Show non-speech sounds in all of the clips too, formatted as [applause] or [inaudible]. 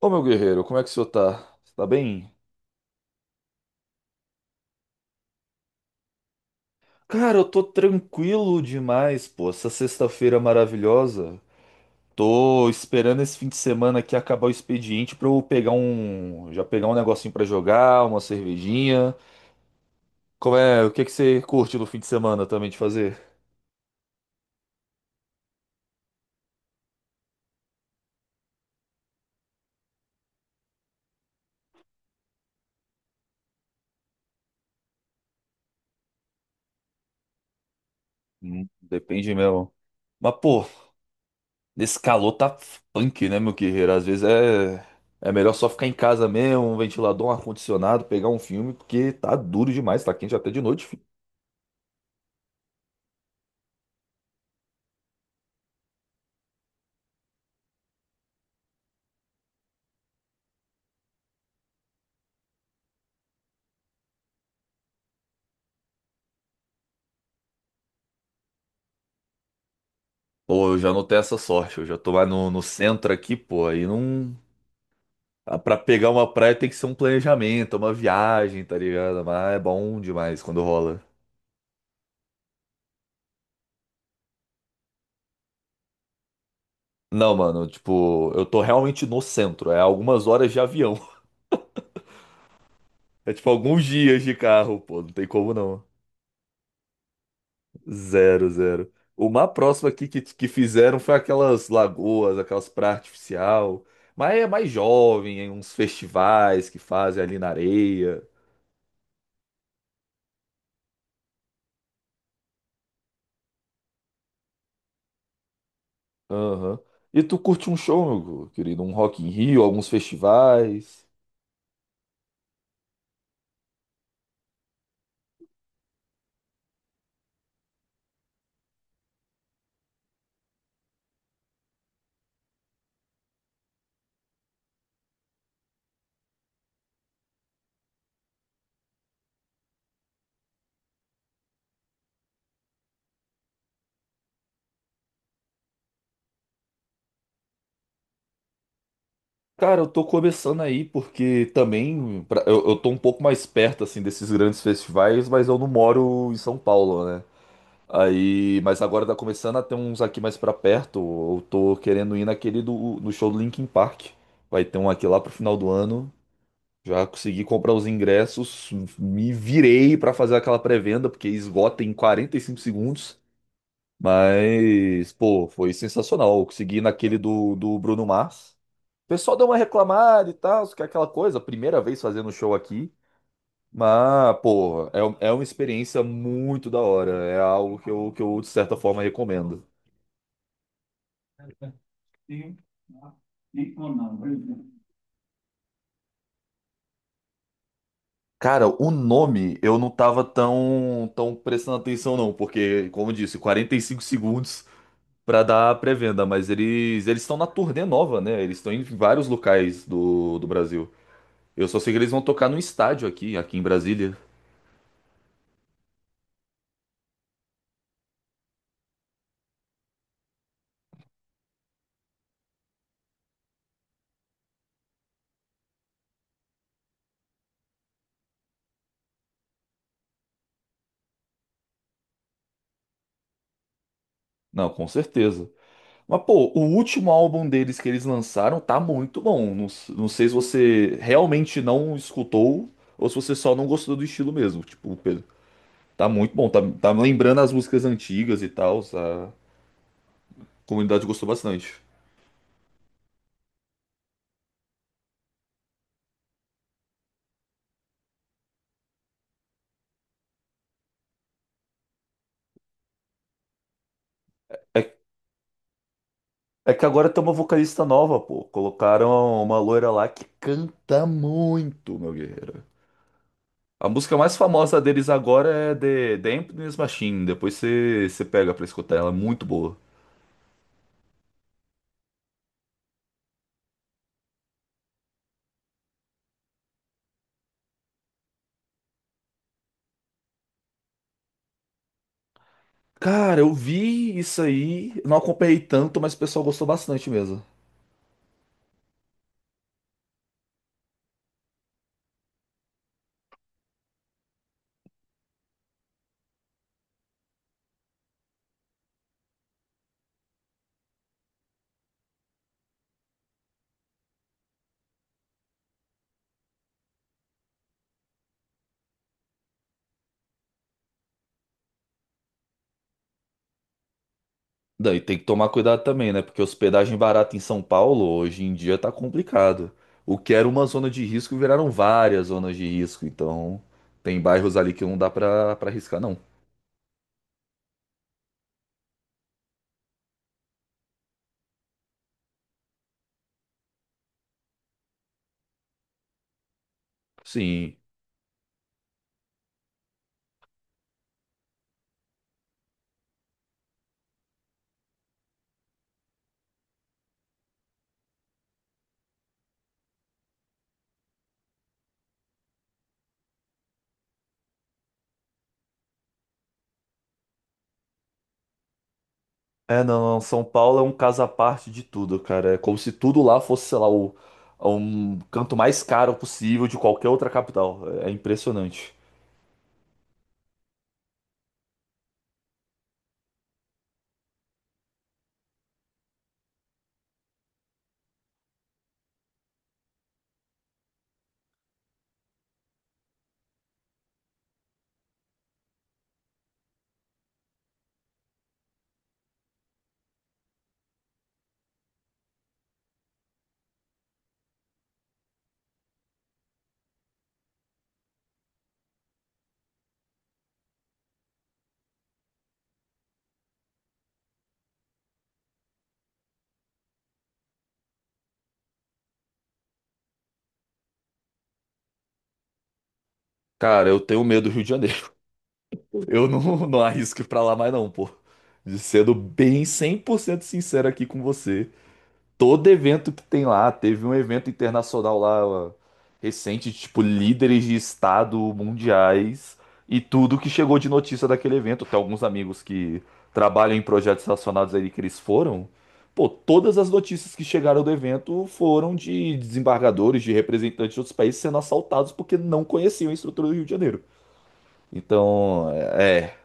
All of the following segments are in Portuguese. Ô meu guerreiro, como é que o senhor tá? Você tá bem? Cara, eu tô tranquilo demais, pô. Essa sexta-feira maravilhosa. Tô esperando esse fim de semana aqui acabar o expediente pra eu pegar um. Já pegar um negocinho pra jogar, uma cervejinha. Como é? O que que você curte no fim de semana também de fazer? Depende mesmo. Mas, pô, nesse calor tá punk, né, meu guerreiro? Às vezes é. É melhor só ficar em casa mesmo, um ventilador, um ar-condicionado, pegar um filme, porque tá duro demais, tá quente até de noite. Pô, eu já não tenho essa sorte. Eu já tô lá no centro aqui, pô. Aí não. Pra pegar uma praia tem que ser um planejamento, uma viagem, tá ligado? Mas é bom demais quando rola. Não, mano, tipo, eu tô realmente no centro. É algumas horas de avião. [laughs] É tipo alguns dias de carro, pô. Não tem como não. Zero, zero. O mais próximo aqui que fizeram foi aquelas lagoas, aquelas praias artificial. Mas é mais jovem, hein, uns festivais que fazem ali na areia. Aham. E tu curte um show, meu querido? Um Rock in Rio, alguns festivais? Cara, eu tô começando aí porque também eu tô um pouco mais perto assim desses grandes festivais, mas eu não moro em São Paulo, né? Aí, mas agora tá começando a ter uns aqui mais pra perto. Eu tô querendo ir naquele do no show do Linkin Park. Vai ter um aqui lá pro final do ano. Já consegui comprar os ingressos, me virei pra fazer aquela pré-venda porque esgota em 45 segundos. Mas, pô, foi sensacional. Eu consegui ir naquele do Bruno Mars. O pessoal deu uma reclamada e tal, que é aquela coisa, primeira vez fazendo show aqui. Mas, pô, é uma experiência muito da hora. É algo que eu, de certa forma, recomendo. Cara, o nome eu não tava tão prestando atenção, não, porque, como eu disse, 45 segundos pra dar a pré-venda, mas eles estão na turnê nova, né? Eles estão em vários locais do Brasil. Eu só sei que eles vão tocar no estádio aqui em Brasília. Não, com certeza. Mas, pô, o último álbum deles que eles lançaram tá muito bom. Não, não sei se você realmente não escutou ou se você só não gostou do estilo mesmo. Tipo, Pedro, tá muito bom. Tá lembrando as músicas antigas e tal. A comunidade gostou bastante. É, é que agora tem uma vocalista nova, pô. Colocaram uma loira lá que canta muito, meu guerreiro. A música mais famosa deles agora é The Emptiness Machine. Depois você pega pra escutar ela, é muito boa. Cara, eu vi isso aí, não acompanhei tanto, mas o pessoal gostou bastante mesmo. Daí tem que tomar cuidado também, né? Porque hospedagem barata em São Paulo hoje em dia tá complicado. O que era uma zona de risco viraram várias zonas de risco, então tem bairros ali que não dá pra arriscar, não. Sim. É, não, não, São Paulo é um caso à parte de tudo, cara. É como se tudo lá fosse, sei lá, é um canto mais caro possível de qualquer outra capital. É impressionante. Cara, eu tenho medo do Rio de Janeiro. [laughs] Eu não arrisco ir pra lá mais não, pô. De sendo bem 100% sincero aqui com você. Todo evento que tem lá. Teve um evento internacional lá ó, recente, tipo, líderes de estado mundiais e tudo que chegou de notícia daquele evento. Tem alguns amigos que trabalham em projetos relacionados a ele que eles foram. Pô, todas as notícias que chegaram do evento foram de desembargadores, de representantes de outros países sendo assaltados porque não conheciam a estrutura do Rio de Janeiro. Então, é,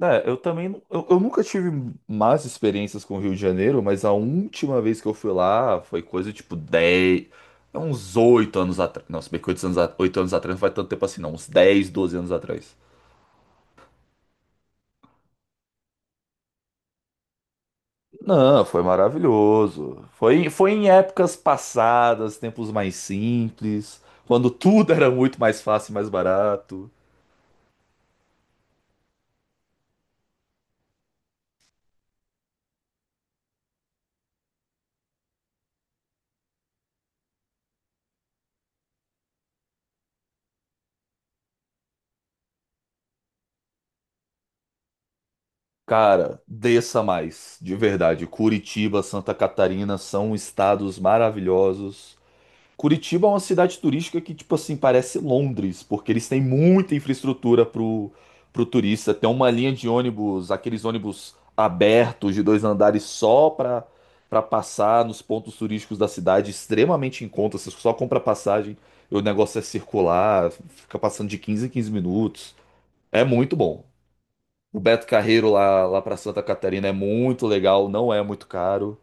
É, eu também, eu nunca tive más experiências com o Rio de Janeiro, mas a última vez que eu fui lá foi coisa tipo 10 é uns 8 anos atrás. Não, se bem que oito anos atrás não faz tanto tempo assim, não, uns 10 12 anos atrás. Não, foi maravilhoso. Foi, foi em épocas passadas, tempos mais simples, quando tudo era muito mais fácil e mais barato. Cara, desça mais, de verdade. Curitiba, Santa Catarina são estados maravilhosos. Curitiba é uma cidade turística que, tipo assim, parece Londres, porque eles têm muita infraestrutura pro turista. Tem uma linha de ônibus, aqueles ônibus abertos de 2 andares só pra passar nos pontos turísticos da cidade, extremamente em conta. Você só compra passagem, o negócio é circular, fica passando de 15 em 15 minutos. É muito bom. O Beto Carreiro lá pra Santa Catarina é muito legal, não é muito caro.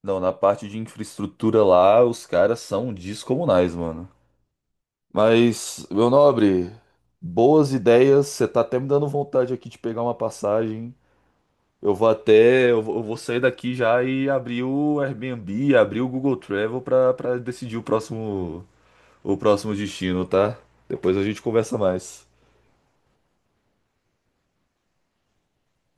Não, na parte de infraestrutura lá, os caras são descomunais, mano. Mas, meu nobre, boas ideias. Você tá até me dando vontade aqui de pegar uma passagem. Eu vou até, eu vou sair daqui já e abrir o Airbnb, abrir o Google Travel pra para decidir o próximo destino, tá? Depois a gente conversa mais.